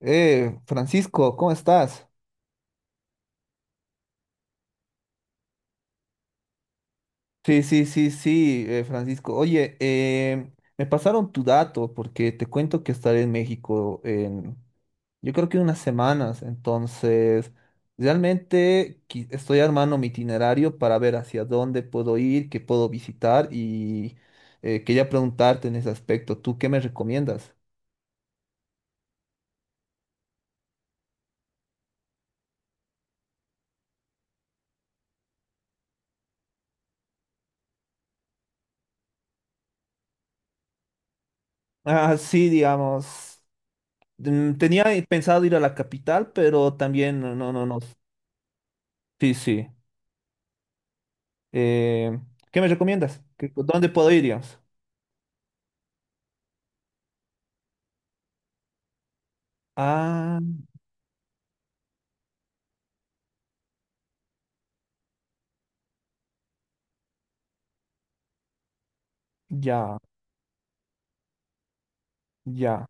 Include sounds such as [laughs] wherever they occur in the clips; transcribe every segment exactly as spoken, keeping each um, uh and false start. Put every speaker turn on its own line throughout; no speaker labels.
Eh, Francisco, ¿cómo estás? Sí, sí, sí, sí, eh, Francisco. Oye, eh, me pasaron tu dato porque te cuento que estaré en México en, yo creo que unas semanas. Entonces, realmente qui- estoy armando mi itinerario para ver hacia dónde puedo ir, qué puedo visitar y eh, quería preguntarte en ese aspecto. ¿Tú qué me recomiendas? Ah, sí, digamos. mm, Tenía pensado ir a la capital, pero también no, no, no. Sí, sí. Eh, ¿qué me recomiendas? ¿Qué- ¿Dónde puedo ir, digamos? Ah, ya, ya,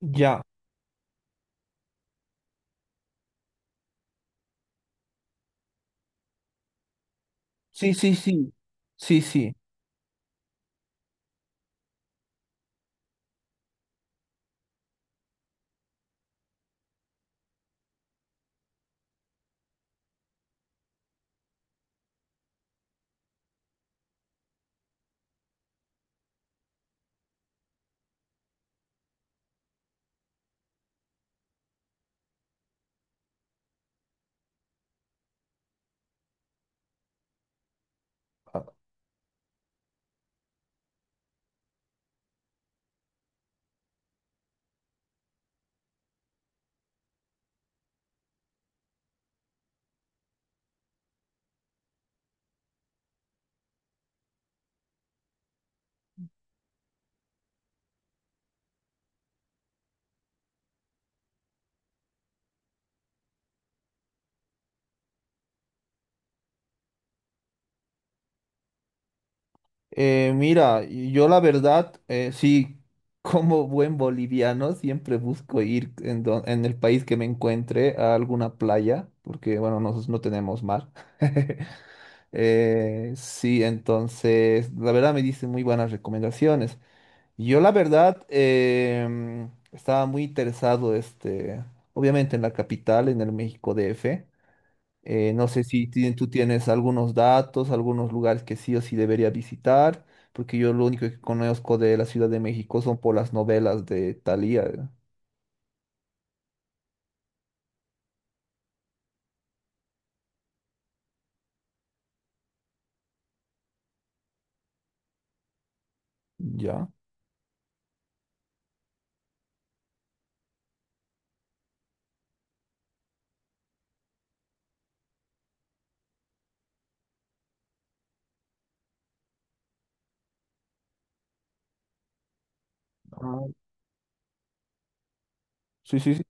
ya. Sí, sí, sí. Sí, sí. Ah, eh, mira, yo la verdad, eh, sí, [laughs] como buen boliviano, siempre busco ir en, don- en el país que me encuentre a alguna playa, porque, bueno, nosotros no tenemos mar. [laughs] Eh, sí, entonces, la verdad me diste muy buenas recomendaciones. Yo la verdad em, estaba muy interesado, este, obviamente en la capital, en el México D F. Eh, no sé si ti- tú tienes algunos datos, algunos lugares que sí o sí debería visitar, porque yo lo único que conozco de la Ciudad de México son por las novelas de Thalía. ¿Ya? Ah, sí, sí, sí.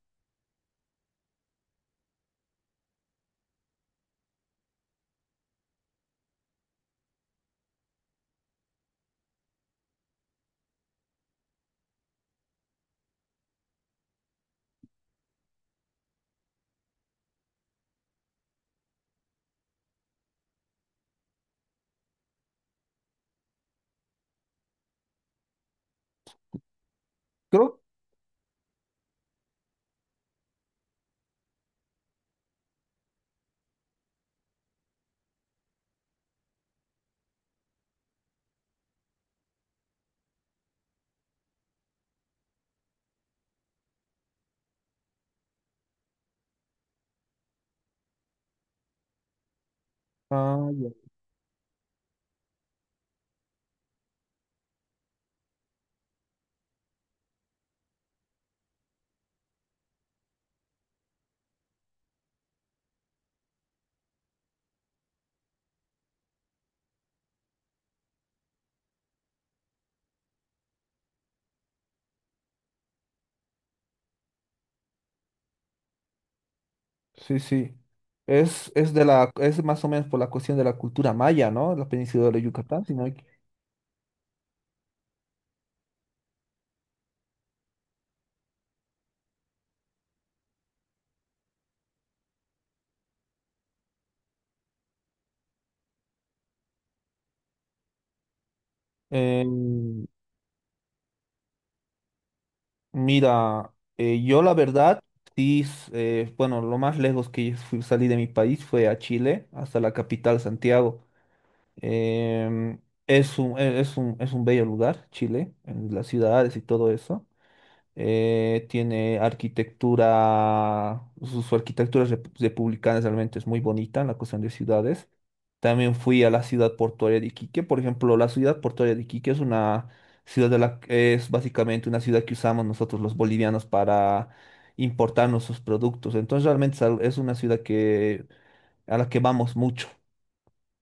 Creo. Ah, ya. Sí, sí. Es, es de la, es más o menos por la cuestión de la cultura maya, ¿no? La península de Yucatán, si no hay... Mira, eh, yo la verdad, sí, s- eh, bueno, lo más lejos que fui- salí de mi país fue a Chile, hasta la capital, Santiago. Em, es un, e- es un, es un bello lugar, Chile, en las ciudades y todo eso eh, tiene arquitectura, su, su arquitectura rep- republicana realmente es muy bonita en la cuestión de ciudades. También fui a la ciudad portuaria de Iquique. Por ejemplo, la ciudad portuaria de Iquique es una ciudad de la, es básicamente una ciudad que usamos nosotros los bolivianos para importar nuestros productos. Entonces realmente es al- es una ciudad que, a la que vamos mucho,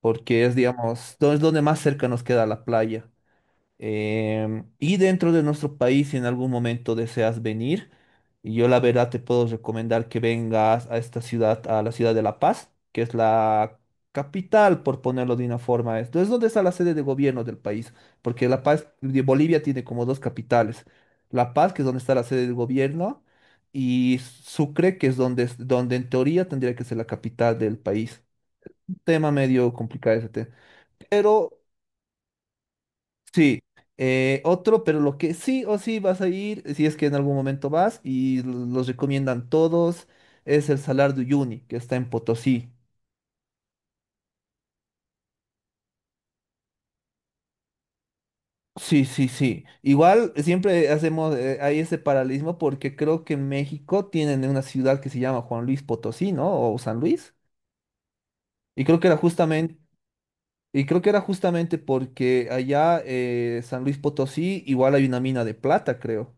porque es, digamos, do- es donde más cerca nos queda la playa. Em, y dentro de nuestro país, si en algún momento deseas venir, yo la verdad te puedo recomendar que vengas a esta ciudad, a la ciudad de La Paz, que es la capital, por ponerlo de una forma. Esto es donde está la sede de gobierno del país, porque La Paz, de Bolivia tiene como dos capitales. La Paz, que es donde está la sede del gobierno, y Sucre, que es donde, es- donde en teoría tendría que ser la capital del país. Un tema medio complicado ese tema. Pero sí, eh, otro, pero lo que sí o sí vas a ir, si es que en algún momento vas, y lo- los recomiendan todos, es el Salar de Uyuni, que está en Potosí. Sí, sí, sí. Igual siempre hacemos, eh, hay ese paralelismo porque creo que en México tienen una ciudad que se llama Juan Luis Potosí, ¿no? O San Luis. Y creo que era justamente, y creo que era justamente porque allá eh, San Luis Potosí igual hay una mina de plata, creo.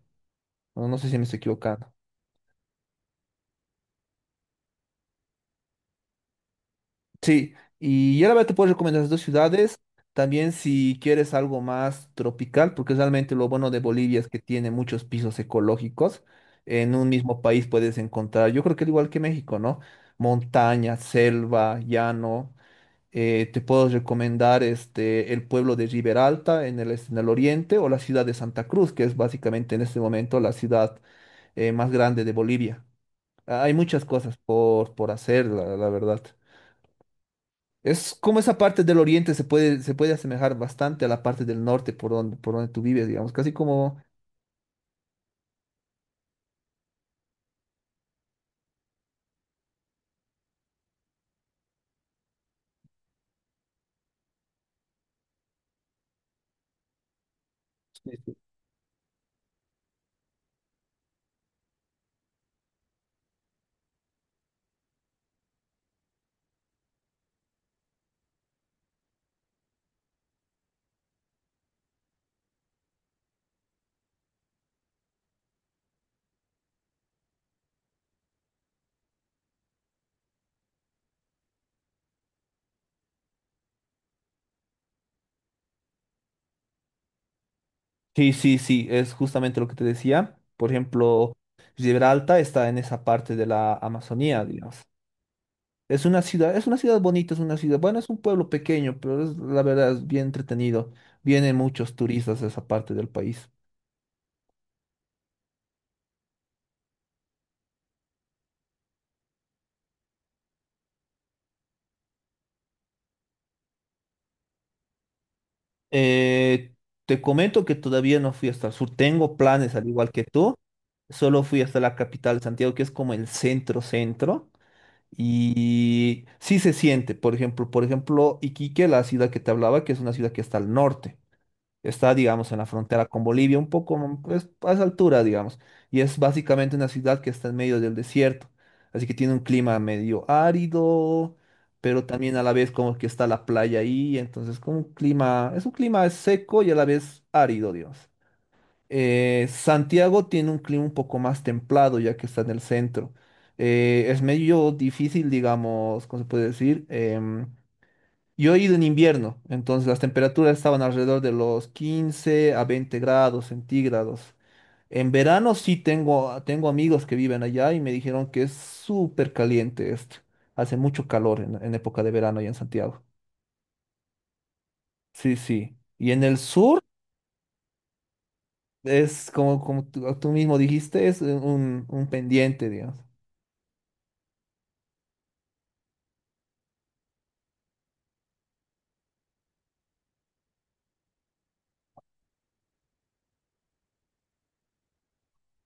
No, no sé si me estoy equivocando. Sí, y ya la verdad te puedo recomendar las dos ciudades, también si quieres algo más tropical, porque realmente lo bueno de Bolivia es que tiene muchos pisos ecológicos, en un mismo país puedes encontrar, yo creo que al igual que México, ¿no? Montaña, selva, llano, eh, te puedo recomendar este, el pueblo de Riberalta en el, este- en el oriente o la ciudad de Santa Cruz, que es básicamente en este momento la ciudad eh, más grande de Bolivia. Ah, hay muchas cosas por, por hacer, la la verdad. Es como esa parte del oriente se puede, se puede asemejar bastante a la parte del norte por donde, por donde tú vives, digamos, casi como... Sí, sí, sí, sí, sí, es justamente lo que te decía. Por ejemplo, Gibraltar está en esa parte de la Amazonía, digamos. Es una ciudad, es una ciudad bonita, es una ciudad, bueno, es un pueblo pequeño, pero es, la verdad es bien entretenido. Vienen muchos turistas a esa parte del país. Eh, te comento que todavía no fui hasta el sur. Tengo planes, al igual que tú. Solo fui hasta la capital, Santiago, que es como el centro centro. Y sí se siente, por ejemplo, por ejemplo, Iquique, la ciudad que te hablaba, que es una ciudad que está al norte. Está, digamos, en la frontera con Bolivia, un poco mm, pues, a esa altura, digamos. Y es básicamente una ciudad que está en medio del desierto. Así que tiene un clima medio árido, pero también a la vez como que está la playa ahí. Entonces, como un clima, es un clima seco y a la vez árido, digamos. Eh, Santiago tiene un clima un poco más templado, ya que está en el centro. Eh, es medio difícil, digamos, ¿cómo se puede decir? Em, yo he ido en invierno, entonces las temperaturas estaban alrededor de los quince a veinte grados centígrados. En verano sí tengo, tengo amigos que viven allá y me dijeron que es súper caliente esto. Hace mucho calor en, en época de verano allá en Santiago. Sí, sí. Y en el sur es como, como tú, tú mismo dijiste, es un, un pendiente, digamos.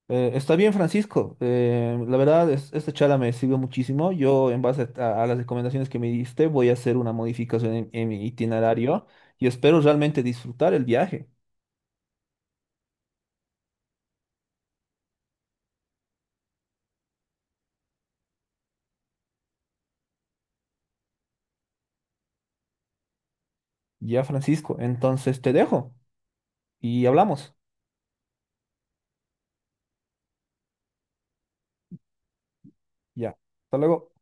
Eh, está bien, Francisco. Eh, la verdad, es- esta charla me sirvió muchísimo. Yo, en base a, a las recomendaciones que me diste, voy a hacer una modificación en, en mi itinerario y espero realmente disfrutar el viaje. Ya, Francisco. Entonces te dejo y hablamos. Ya. Hasta luego.